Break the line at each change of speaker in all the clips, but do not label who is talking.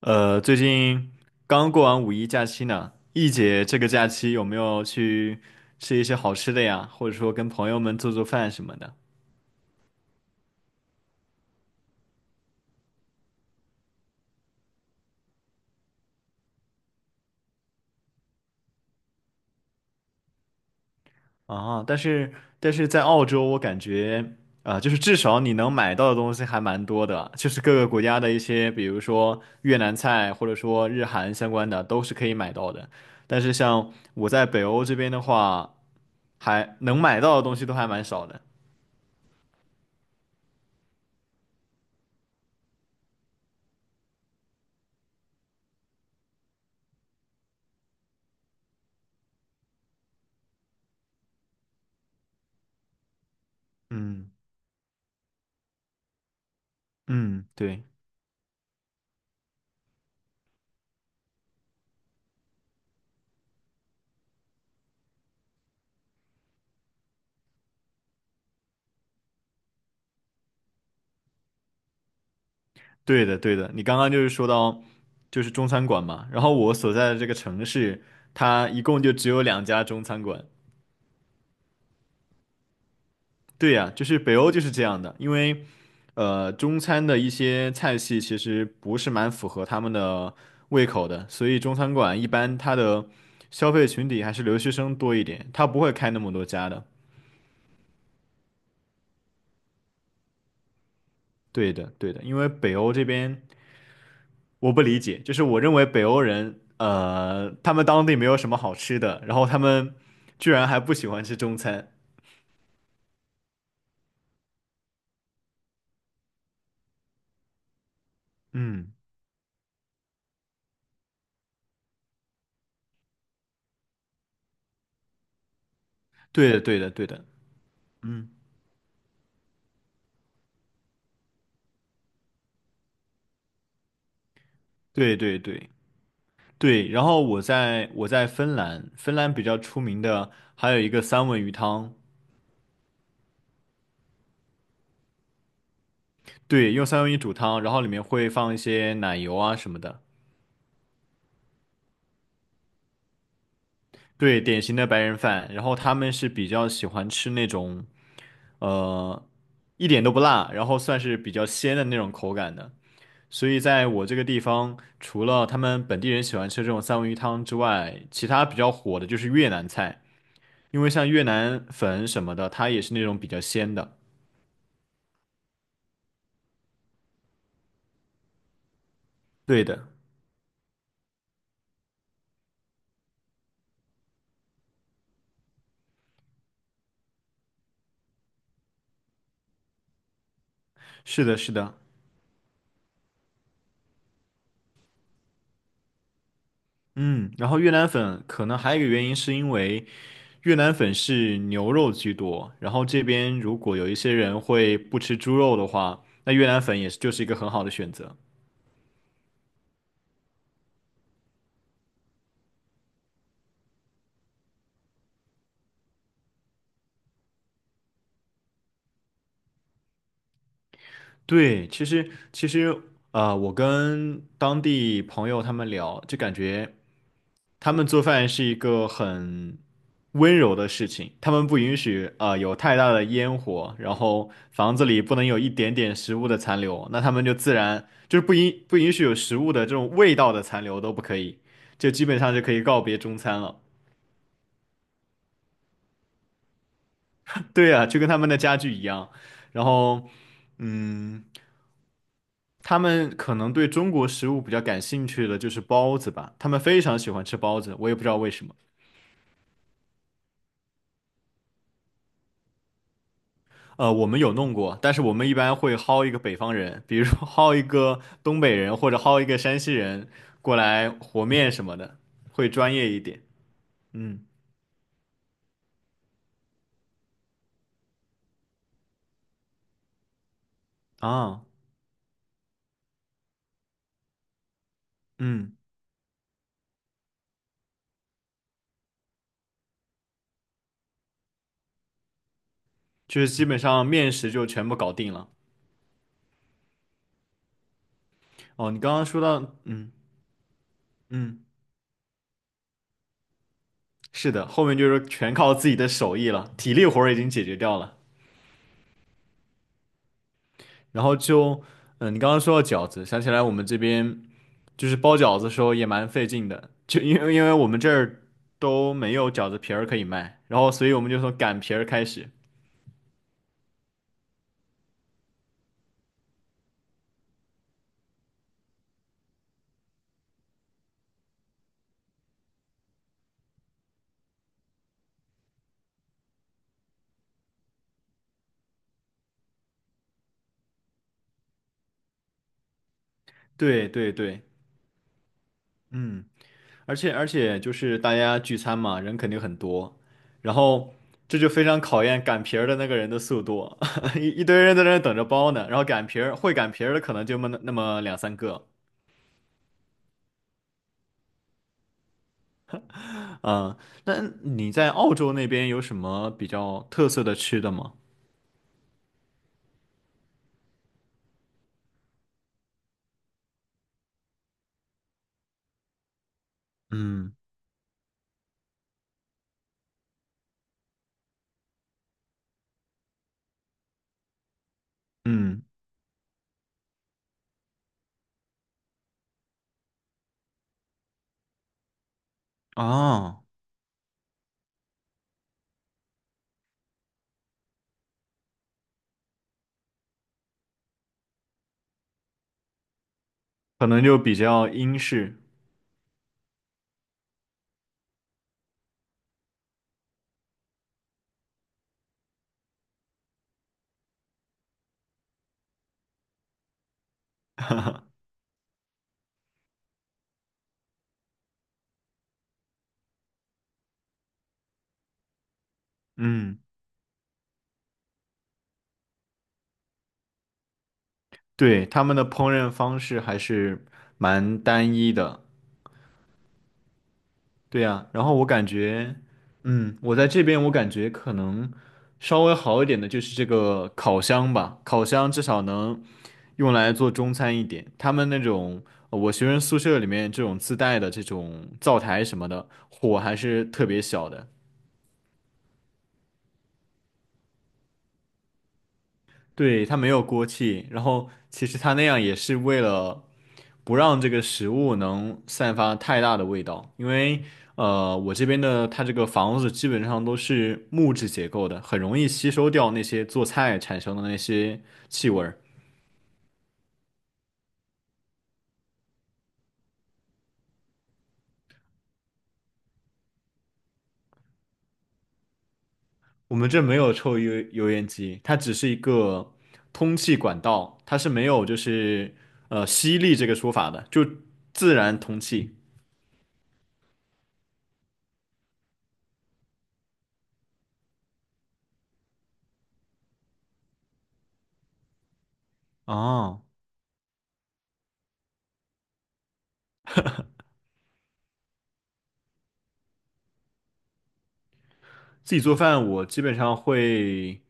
最近刚过完五一假期呢，易姐这个假期有没有去吃一些好吃的呀？或者说跟朋友们做做饭什么的？啊，但是但是在澳洲，我感觉就是至少你能买到的东西还蛮多的，就是各个国家的一些，比如说越南菜或者说日韩相关的，都是可以买到的。但是像我在北欧这边的话，还能买到的东西都还蛮少的。嗯嗯，对。对的，对的，你刚刚就是说到，就是中餐馆嘛，然后我所在的这个城市，它一共就只有两家中餐馆。对呀，就是北欧就是这样的，因为，中餐的一些菜系其实不是蛮符合他们的胃口的，所以中餐馆一般它的消费群体还是留学生多一点，它不会开那么多家的。对的，对的，因为北欧这边我不理解，就是我认为北欧人，他们当地没有什么好吃的，然后他们居然还不喜欢吃中餐。嗯，对的，对的，对的，嗯，对对对对。然后我在芬兰，芬兰比较出名的还有一个三文鱼汤，对，用三文鱼煮汤，然后里面会放一些奶油啊什么的，对，典型的白人饭。然后他们是比较喜欢吃那种，呃，一点都不辣，然后算是比较鲜的那种口感的。所以在我这个地方，除了他们本地人喜欢吃这种三文鱼汤之外，其他比较火的就是越南菜，因为像越南粉什么的，它也是那种比较鲜的。对的，是的，是的，嗯，然后越南粉可能还有一个原因是因为越南粉是牛肉居多，然后这边如果有一些人会不吃猪肉的话，那越南粉也是就是一个很好的选择。对，其实我跟当地朋友他们聊，就感觉。他们做饭是一个很温柔的事情，他们不允许啊有太大的烟火，然后房子里不能有一点点食物的残留，那他们就自然就是不允许有食物的这种味道的残留都不可以，就基本上就可以告别中餐了。对啊，就跟他们的家具一样，然后嗯。他们可能对中国食物比较感兴趣的就是包子吧，他们非常喜欢吃包子，我也不知道为什么。我们有弄过，但是我们一般会薅一个北方人，比如说 薅一个东北人或者薅一个山西人过来和面什么的，会专业一点。嗯啊，嗯，就是基本上面食就全部搞定了。哦，你刚刚说到，嗯嗯，是的，后面就是全靠自己的手艺了，体力活儿已经解决掉了。然后就，嗯，你刚刚说到饺子，想起来我们这边就是包饺子的时候也蛮费劲的，就因为我们这儿都没有饺子皮儿可以卖，然后所以我们就从擀皮儿开始。对对对，嗯，而且而且就是大家聚餐嘛，人肯定很多，然后这就非常考验擀皮儿的那个人的速度，一堆人在那儿等着包呢，然后擀皮儿会擀皮儿的可能就那么两三个，嗯，那你在澳洲那边有什么比较特色的吃的吗？嗯嗯啊。可能就比较英式，嗯，对，他们的烹饪方式还是蛮单一的，对呀。然后我感觉，嗯，我在这边我感觉可能稍微好一点的就是这个烤箱吧，烤箱至少能用来做中餐一点。他们那种我学生宿舍里面这种自带的这种灶台什么的，火还是特别小的，对，它没有锅气，然后其实它那样也是为了。不让这个食物能散发太大的味道，因为我这边的它这个房子基本上都是木质结构的，很容易吸收掉那些做菜产生的那些气味儿。我们这没有抽油烟机，它只是一个通气管道，它是没有就是吸力这个说法的，就自然通气。哦自己做饭，我基本上会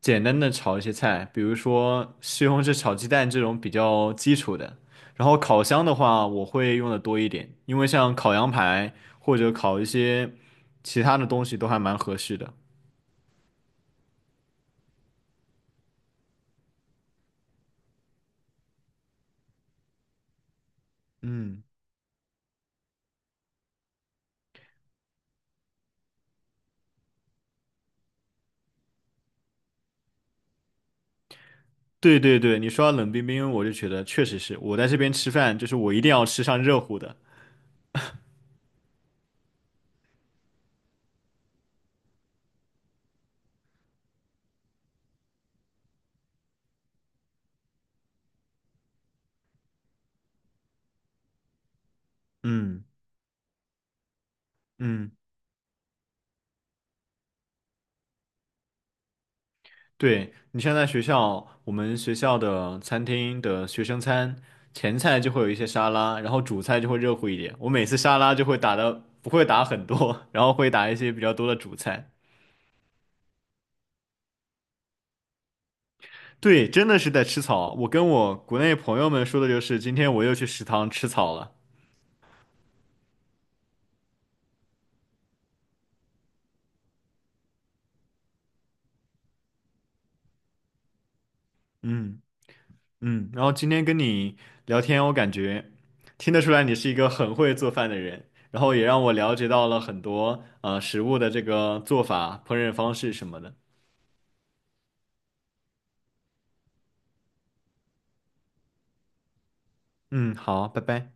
简单的炒一些菜，比如说西红柿炒鸡蛋这种比较基础的。然后烤箱的话，我会用的多一点，因为像烤羊排或者烤一些其他的东西都还蛮合适的。嗯，对对对，你说到冷冰冰，我就觉得确实是我在这边吃饭，就是我一定要吃上热乎的。嗯嗯。对，你像在学校，我们学校的餐厅的学生餐，前菜就会有一些沙拉，然后主菜就会热乎一点。我每次沙拉就会打的不会打很多，然后会打一些比较多的主菜。对，真的是在吃草。我跟我国内朋友们说的就是，今天我又去食堂吃草了。嗯嗯，然后今天跟你聊天，我感觉听得出来你是一个很会做饭的人，然后也让我了解到了很多食物的这个做法、烹饪方式什么的。嗯，好，拜拜。